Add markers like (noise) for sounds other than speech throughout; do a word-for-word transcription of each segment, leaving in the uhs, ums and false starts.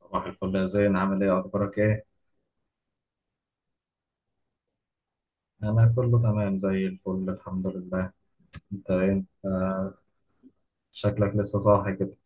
صباح الفل يا زين، عامل ايه؟ اخبارك ايه؟ انا كله تمام زي الفل الحمد لله. انت إيه؟ انت شكلك لسه صاحي كده.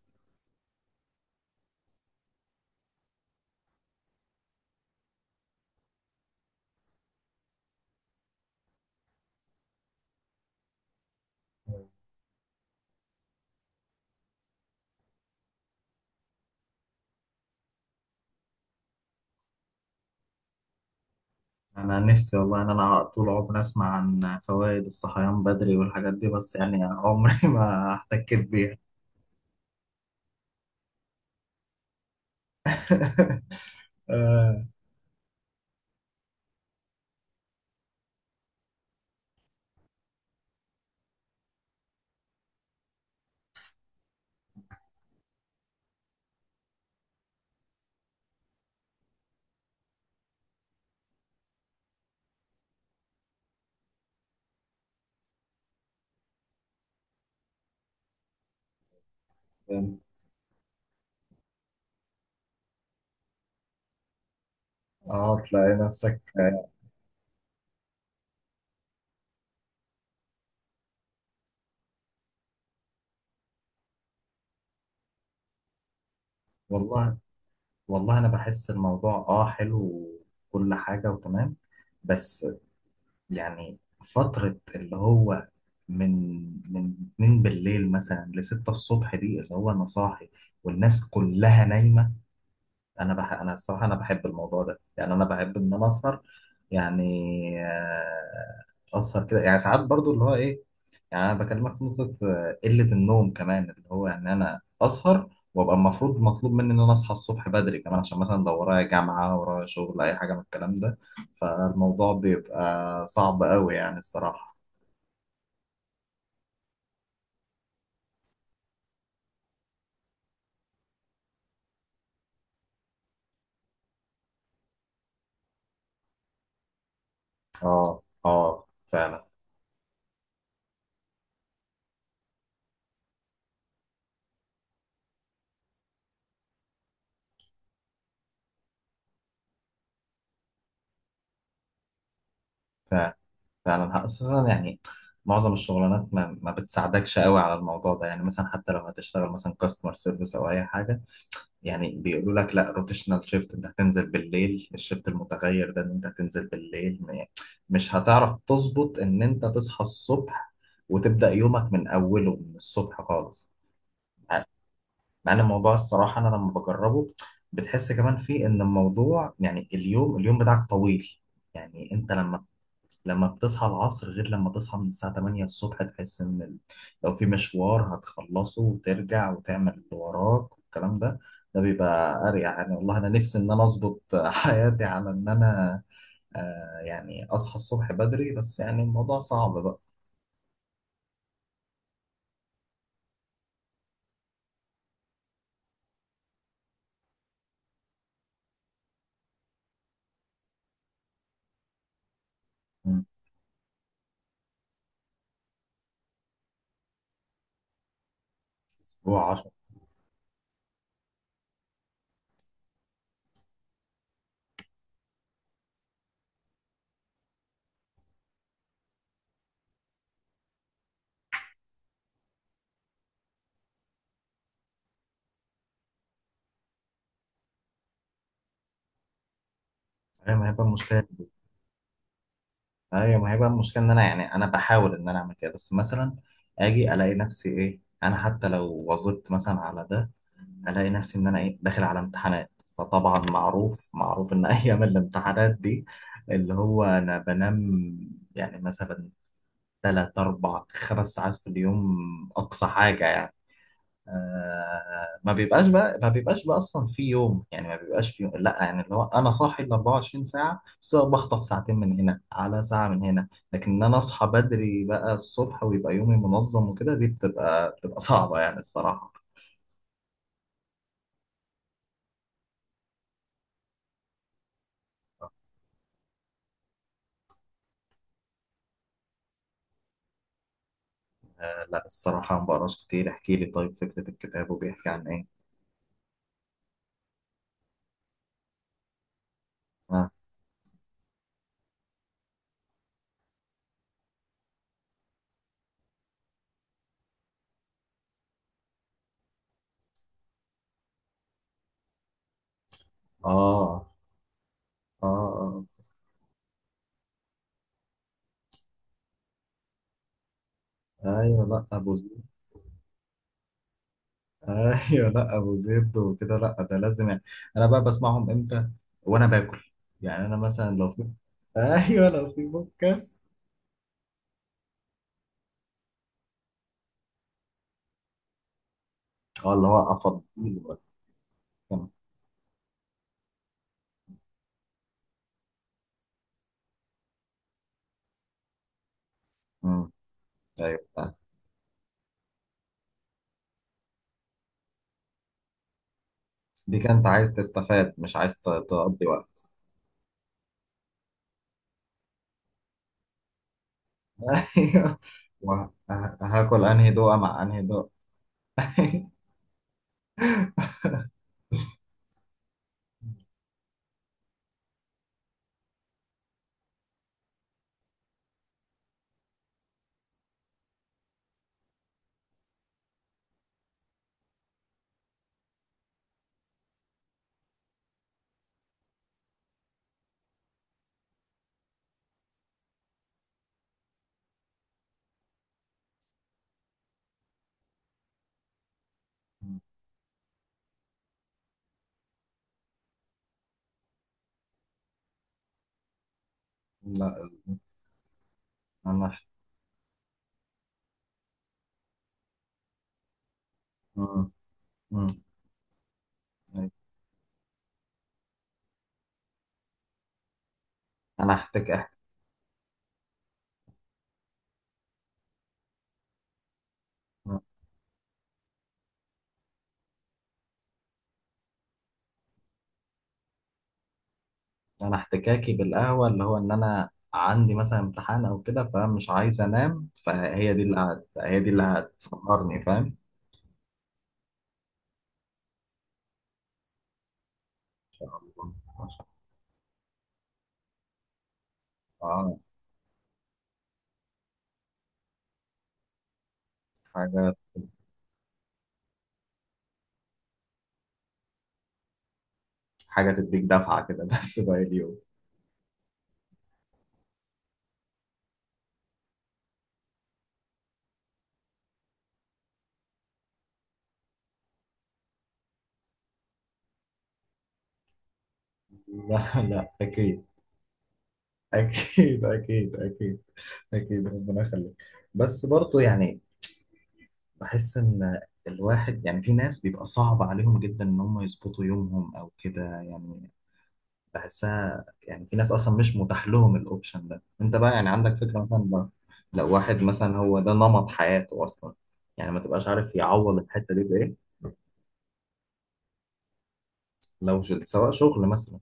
انا نفسي والله ان انا طول عمري اسمع عن فوائد الصحيان بدري والحاجات دي، بس يعني (laughs) عمري ما احتكيت بيها. (laughs) آه، يعني اه تلاقي نفسك آه، والله. والله انا بحس الموضوع اه حلو وكل حاجه وتمام، بس يعني فترة اللي هو من من اتنين بالليل مثلا ل ستة الصبح، دي اللي هو انا صاحي والناس كلها نايمة. انا بح انا الصراحة انا بحب الموضوع ده، يعني انا بحب ان انا اسهر، يعني آه، اسهر كده يعني ساعات برضو اللي هو ايه. يعني انا بكلمك في نقطه آه، قله النوم كمان، اللي هو ان انا اسهر وابقى المفروض مطلوب مني ان انا اصحى الصبح بدري كمان، عشان مثلا لو ورايا جامعه ورايا شغل اي حاجه من الكلام ده، فالموضوع بيبقى صعب قوي يعني الصراحه. اه اه فعلا. فعلا فعلا، خصوصا يعني معظم الشغلانات ما, ما بتساعدكش قوي على الموضوع ده، يعني مثلا حتى لو هتشتغل مثلا كاستمر سيرفيس او اي حاجه، يعني بيقولوا لك لا روتيشنال شيفت، انت هتنزل بالليل، الشيفت المتغير ده ان انت هتنزل بالليل، م- مش هتعرف تظبط ان انت تصحى الصبح وتبدأ يومك من اوله من الصبح خالص. مع مع ان الموضوع الصراحة انا لما بجربه بتحس كمان فيه ان الموضوع يعني اليوم اليوم بتاعك طويل، يعني انت لما لما بتصحى العصر غير لما تصحى من الساعة تمانية الصبح، تحس إن ال- لو في مشوار هتخلصه وترجع وتعمل اللي وراك والكلام ده، ده بيبقى أريح يعني. والله أنا نفسي إن أنا أظبط (laughs) حياتي على إن أنا آه يعني أصحى الصبح بدري، بس يعني الموضوع صعب بقى. مم. هو عشر أيام هيبقى مشكلة؟ ايوه، ما هي بقى المشكله ان انا، يعني انا بحاول ان انا اعمل كده بس مثلا اجي الاقي نفسي ايه، انا حتى لو وظبت مثلا على ده الاقي نفسي ان انا ايه داخل على امتحانات، فطبعا معروف معروف ان (laughs) ايام الامتحانات دي اللي هو انا بنام يعني مثلا تلات اربع خمس ساعات في اليوم، اقصى حاجه يعني. آه ما بيبقاش بقى، ما بيبقاش بقى اصلا في يوم، يعني ما بيبقاش في يوم لا يعني اللي هو انا صاحي ال اربعة وعشرين ساعه، بس أنا بخطف ساعتين من هنا على ساعه من هنا. لكن ان انا اصحى بدري بقى الصبح ويبقى يومي منظم وكده، دي بتبقى بتبقى صعبه يعني الصراحه. آه لا الصراحه ما بقراش كتير، احكي لي طيب فكره الكتاب وبيحكي عن ايه. اه. اه، اه. آه. ايوه لا ابو زيد. ايوه لا ابو زيد وكده، لا ده لازم يعني. انا بقى بسمعهم امتى وانا باكل، يعني انا مثلا لو في (laughs) ايوه لو في بودكاست. اه اللي هو افضل. امم. ايوه فعلا. دي كانت عايز تستفاد مش عايز ت- تقضي وقت. (laughs) ايوه وهاكل انهي دوقه مع انهي دوقه. (laughs) لا انا. مم. مم. أيوة. انا هحتاج احكي. انا احتكاكي بالقهوه اللي هو ان انا عندي مثلا امتحان او كده فمش عايز انام، فهي دي اللي هت... هي دي اللي هتسهرني، فاهم. اه حاجه. حاجه تديك دفعه كده بس باقي اليوم. لا لا اكيد اكيد. اكيد اكيد. اكيد ربنا يخليك. بس برضه يعني بحس ان الواحد يعني في ناس بيبقى صعب عليهم جدا ان هم يظبطوا يومهم او كده، يعني بحسها يعني في ناس اصلا مش متاح لهم الاوبشن ده. انت بقى يعني عندك فكره مثلا لو، لو واحد مثلا هو ده نمط حياته اصلا، يعني ما تبقاش عارف يعوض الحته دي بايه؟ لو شل- سواء شغل مثلا.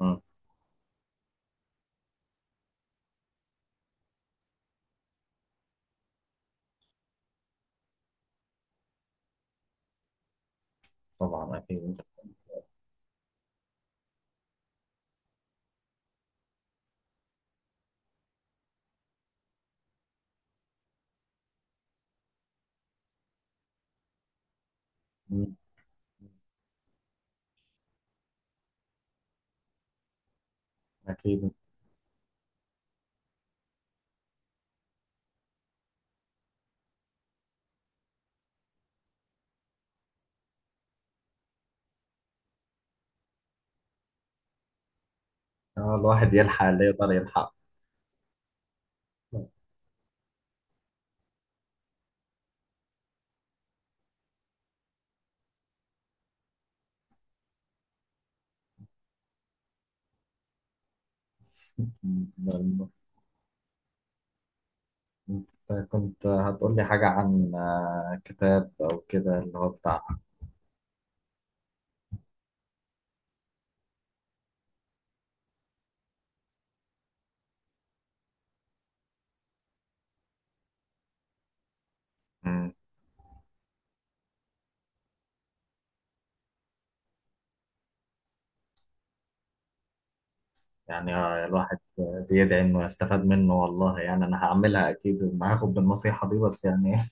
مم. طبعا اكيد. مم. اكيد. آه الواحد يلحق اللي يقدر يلحق. مم. انت كنت هتقول لي حاجه عن آه، كتاب او كده اللي هو بتاع. مم. يعني الواحد بيدعي انه يستفاد منه والله، يعني انا هعملها اكيد، ما هاخد بالنصيحة دي، بس يعني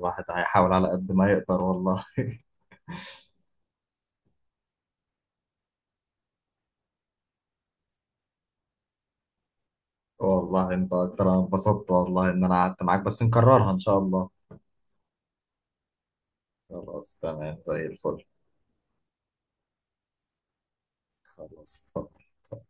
الواحد هيحاول على قد ما يقدر والله. والله انت اكتر، انا انبسطت والله ان انا قعدت معاك، بس نكررها ان شاء الله. خلاص تمام زي الفل. خلاص اتفضل. اتفضل.